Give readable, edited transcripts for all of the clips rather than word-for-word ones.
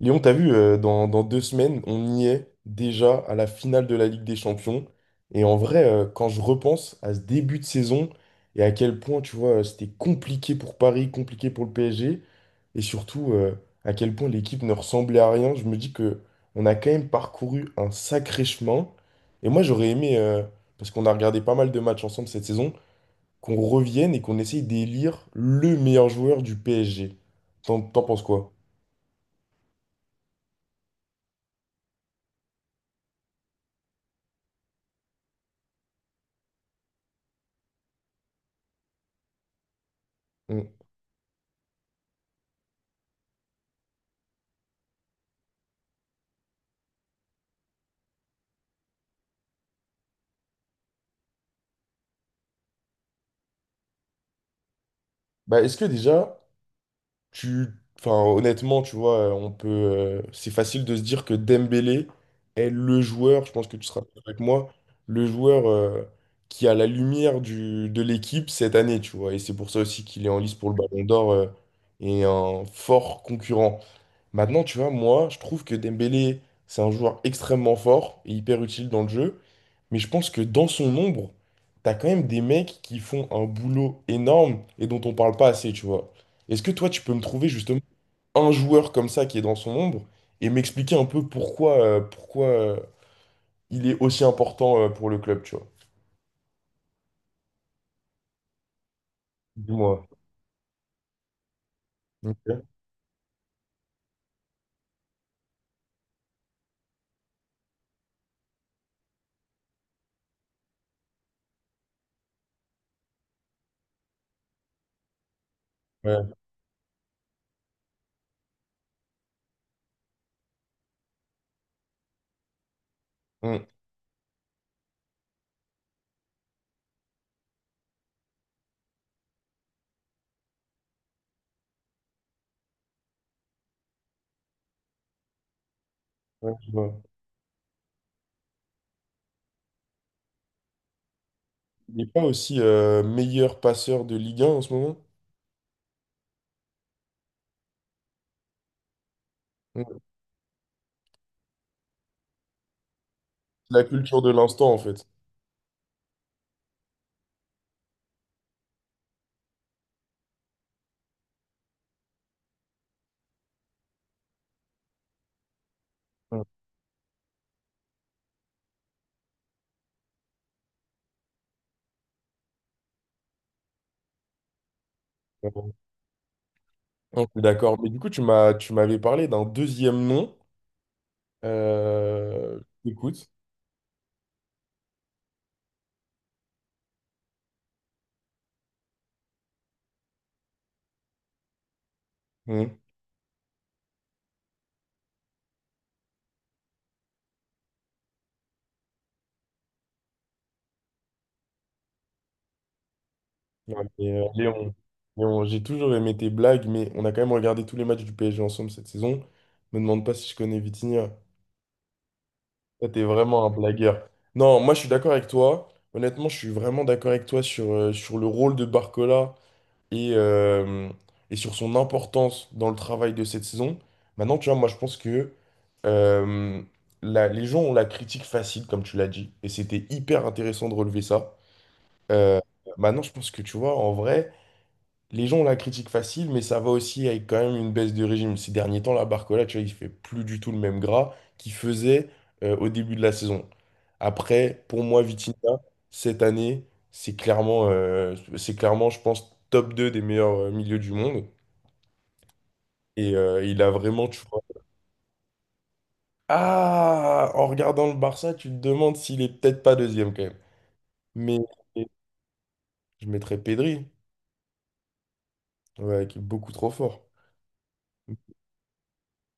Léon, t'as vu, dans deux semaines, on y est déjà à la finale de la Ligue des Champions. Et en vrai, quand je repense à ce début de saison et à quel point, tu vois, c'était compliqué pour Paris, compliqué pour le PSG, et surtout à quel point l'équipe ne ressemblait à rien, je me dis que on a quand même parcouru un sacré chemin. Et moi, j'aurais aimé, parce qu'on a regardé pas mal de matchs ensemble cette saison, qu'on revienne et qu'on essaye d'élire le meilleur joueur du PSG. T'en penses quoi? Mm. Bah, est-ce que déjà, Tu, enfin, honnêtement, tu vois, on peut, c'est facile de se dire que Dembélé est le joueur, je pense que tu seras d'accord avec moi, le joueur qui a la lumière de l'équipe cette année, tu vois. Et c'est pour ça aussi qu'il est en lice pour le Ballon d'Or, et un fort concurrent. Maintenant, tu vois, moi, je trouve que Dembélé, c'est un joueur extrêmement fort et hyper utile dans le jeu. Mais je pense que dans son ombre, t'as quand même des mecs qui font un boulot énorme et dont on parle pas assez, tu vois. Est-ce que toi, tu peux me trouver justement un joueur comme ça qui est dans son ombre et m'expliquer un peu pourquoi, pourquoi il est aussi important pour le club, tu vois? Dis-moi. Ok. Ouais. Mm. Ouais, je vois. Il n'est pas aussi meilleur passeur de Ligue 1 en ce moment? Mm. C'est la culture de l'instant, en fait. Mm. Je d'accord. Mais du coup, tu m'avais parlé d'un deuxième nom. Écoute. Mmh. Ouais, mais, Léon. Léon, j'ai toujours aimé tes blagues, mais on a quand même regardé tous les matchs du PSG ensemble cette saison. Me demande pas si je connais Vitinha. Toi, t'es vraiment un blagueur. Non, moi, je suis d'accord avec toi. Honnêtement, je suis vraiment d'accord avec toi sur, sur le rôle de Barcola et, euh, et sur son importance dans le travail de cette saison. Maintenant, tu vois, moi, je pense que euh, les gens ont la critique facile, comme tu l'as dit, et c'était hyper intéressant de relever ça. Euh, maintenant, je pense que, tu vois, en vrai. Les gens la critiquent facile, mais ça va aussi avec quand même une baisse de régime. Ces derniers temps, la Barcola, tu vois, il fait plus du tout le même gras qu'il faisait au début de la saison. Après, pour moi, Vitinha, cette année, c'est clairement, je pense, top 2 des meilleurs milieux du monde. Et il a vraiment, tu vois. Ah, en regardant le Barça, tu te demandes s'il est peut-être pas deuxième quand même. Mais je mettrais Pedri, ouais, qui est beaucoup trop fort.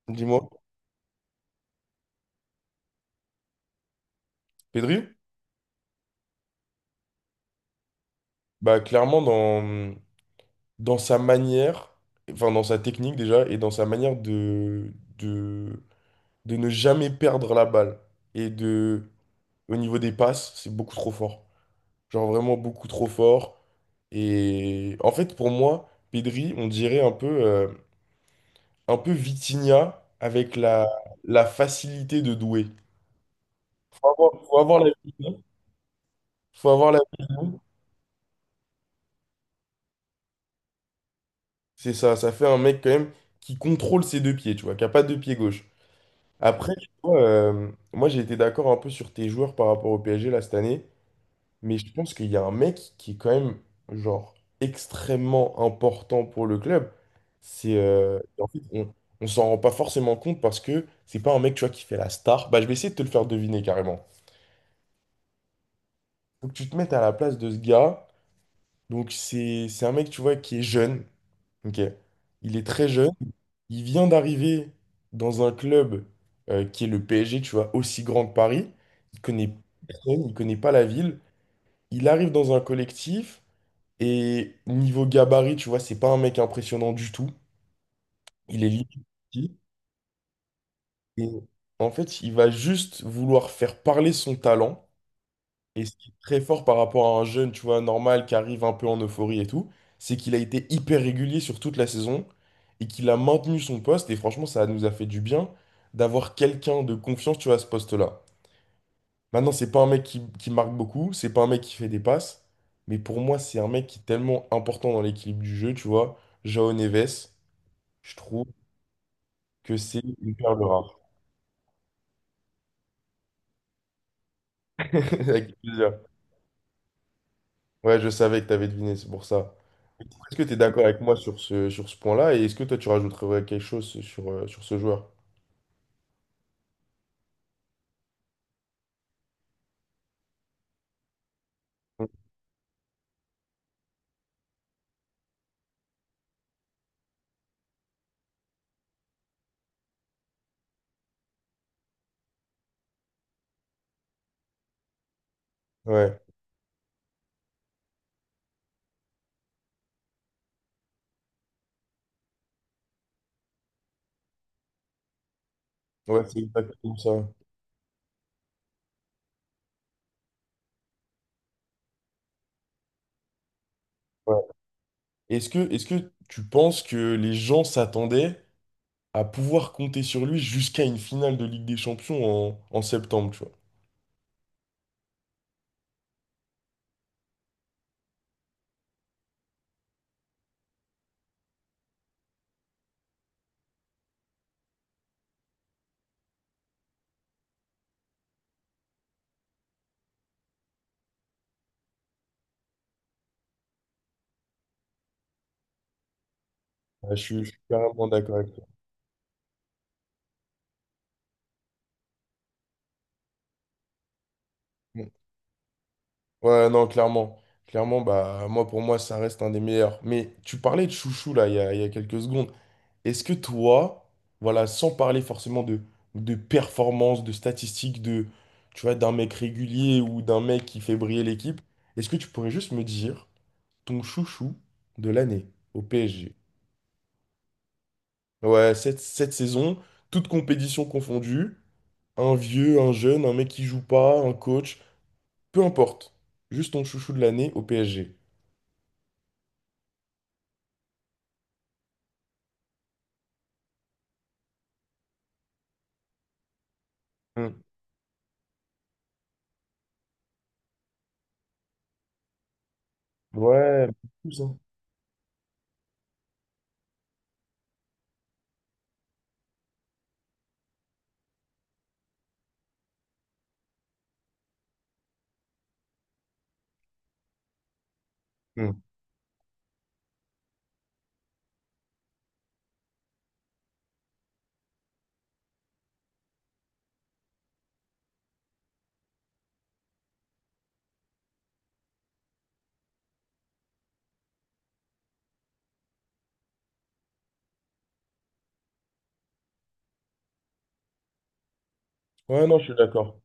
Dis-moi, Pedri? Bah clairement dans, dans sa manière, enfin dans sa technique déjà, et dans sa manière de, de ne jamais perdre la balle. Et de, au niveau des passes, c'est beaucoup trop fort. Genre vraiment beaucoup trop fort. Et en fait, pour moi, Pedri, on dirait un peu Vitinha avec la, la facilité de Doué. Faut avoir la Vitinha. Faut avoir la... C'est ça, ça fait un mec quand même qui contrôle ses deux pieds, tu vois, qui a pas de pied gauche. Après, tu vois, moi j'ai été d'accord un peu sur tes joueurs par rapport au PSG là cette année, mais je pense qu'il y a un mec qui est quand même genre extrêmement important pour le club. C'est en fait, on s'en rend pas forcément compte parce que c'est pas un mec tu vois qui fait la star. Bah je vais essayer de te le faire deviner carrément. Faut que tu te mettes à la place de ce gars. Donc c'est un mec tu vois qui est jeune. Ok, il est très jeune. Il vient d'arriver dans un club qui est le PSG, tu vois, aussi grand que Paris. Il connaît personne, il connaît pas la ville. Il arrive dans un collectif et niveau gabarit, tu vois, c'est pas un mec impressionnant du tout. Il est limite petit. Et en fait, il va juste vouloir faire parler son talent. Et ce qui est très fort par rapport à un jeune, tu vois, normal, qui arrive un peu en euphorie et tout, c'est qu'il a été hyper régulier sur toute la saison et qu'il a maintenu son poste. Et franchement, ça nous a fait du bien d'avoir quelqu'un de confiance, tu vois, à ce poste-là. Maintenant, c'est pas un mec qui marque beaucoup, c'est pas un mec qui fait des passes, mais pour moi, c'est un mec qui est tellement important dans l'équilibre du jeu, tu vois. Jao Neves, je trouve que c'est une perle rare. Avec plaisir. Ouais, je savais que tu avais deviné, c'est pour ça. Est-ce que tu es d'accord avec moi sur ce point-là? Et est-ce que toi, tu rajouterais quelque chose sur, sur ce joueur? Ouais, ouais, c'est exactement ça. Ouais. Est-ce que tu penses que les gens s'attendaient à pouvoir compter sur lui jusqu'à une finale de Ligue des Champions en, en septembre, tu vois? Ouais, je suis carrément d'accord avec toi. Mm. Ouais, non, clairement. Clairement, bah, moi, pour moi, ça reste un des meilleurs. Mais tu parlais de Chouchou, là, il y a quelques secondes. Est-ce que toi, voilà, sans parler forcément de performance, de statistiques, de, tu vois, d'un mec régulier ou d'un mec qui fait briller l'équipe, est-ce que tu pourrais juste me dire ton chouchou de l'année au PSG? Ouais, cette saison, toute compétition confondue, un vieux, un jeune, un mec qui joue pas, un coach, peu importe. Juste ton chouchou de l'année au PSG. Hmm. Ouais, plus, hein. Hmm. Ouais, non, je suis d'accord.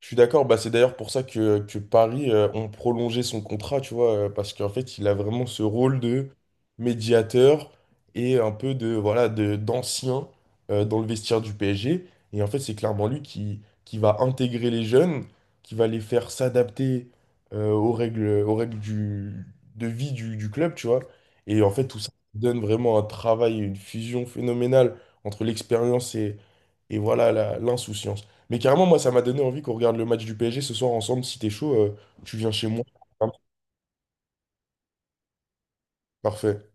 Je suis d'accord, bah, c'est d'ailleurs pour ça que Paris ont prolongé son contrat, tu vois, parce qu'en fait, il a vraiment ce rôle de médiateur et un peu de voilà de d'ancien dans le vestiaire du PSG. Et en fait, c'est clairement lui qui va intégrer les jeunes, qui va les faire s'adapter aux règles de vie du club, tu vois. Et en fait, tout ça donne vraiment un travail, une fusion phénoménale entre l'expérience et voilà l'insouciance. Mais carrément, moi, ça m'a donné envie qu'on regarde le match du PSG ce soir ensemble. Si t'es chaud, tu viens chez moi. Parfait.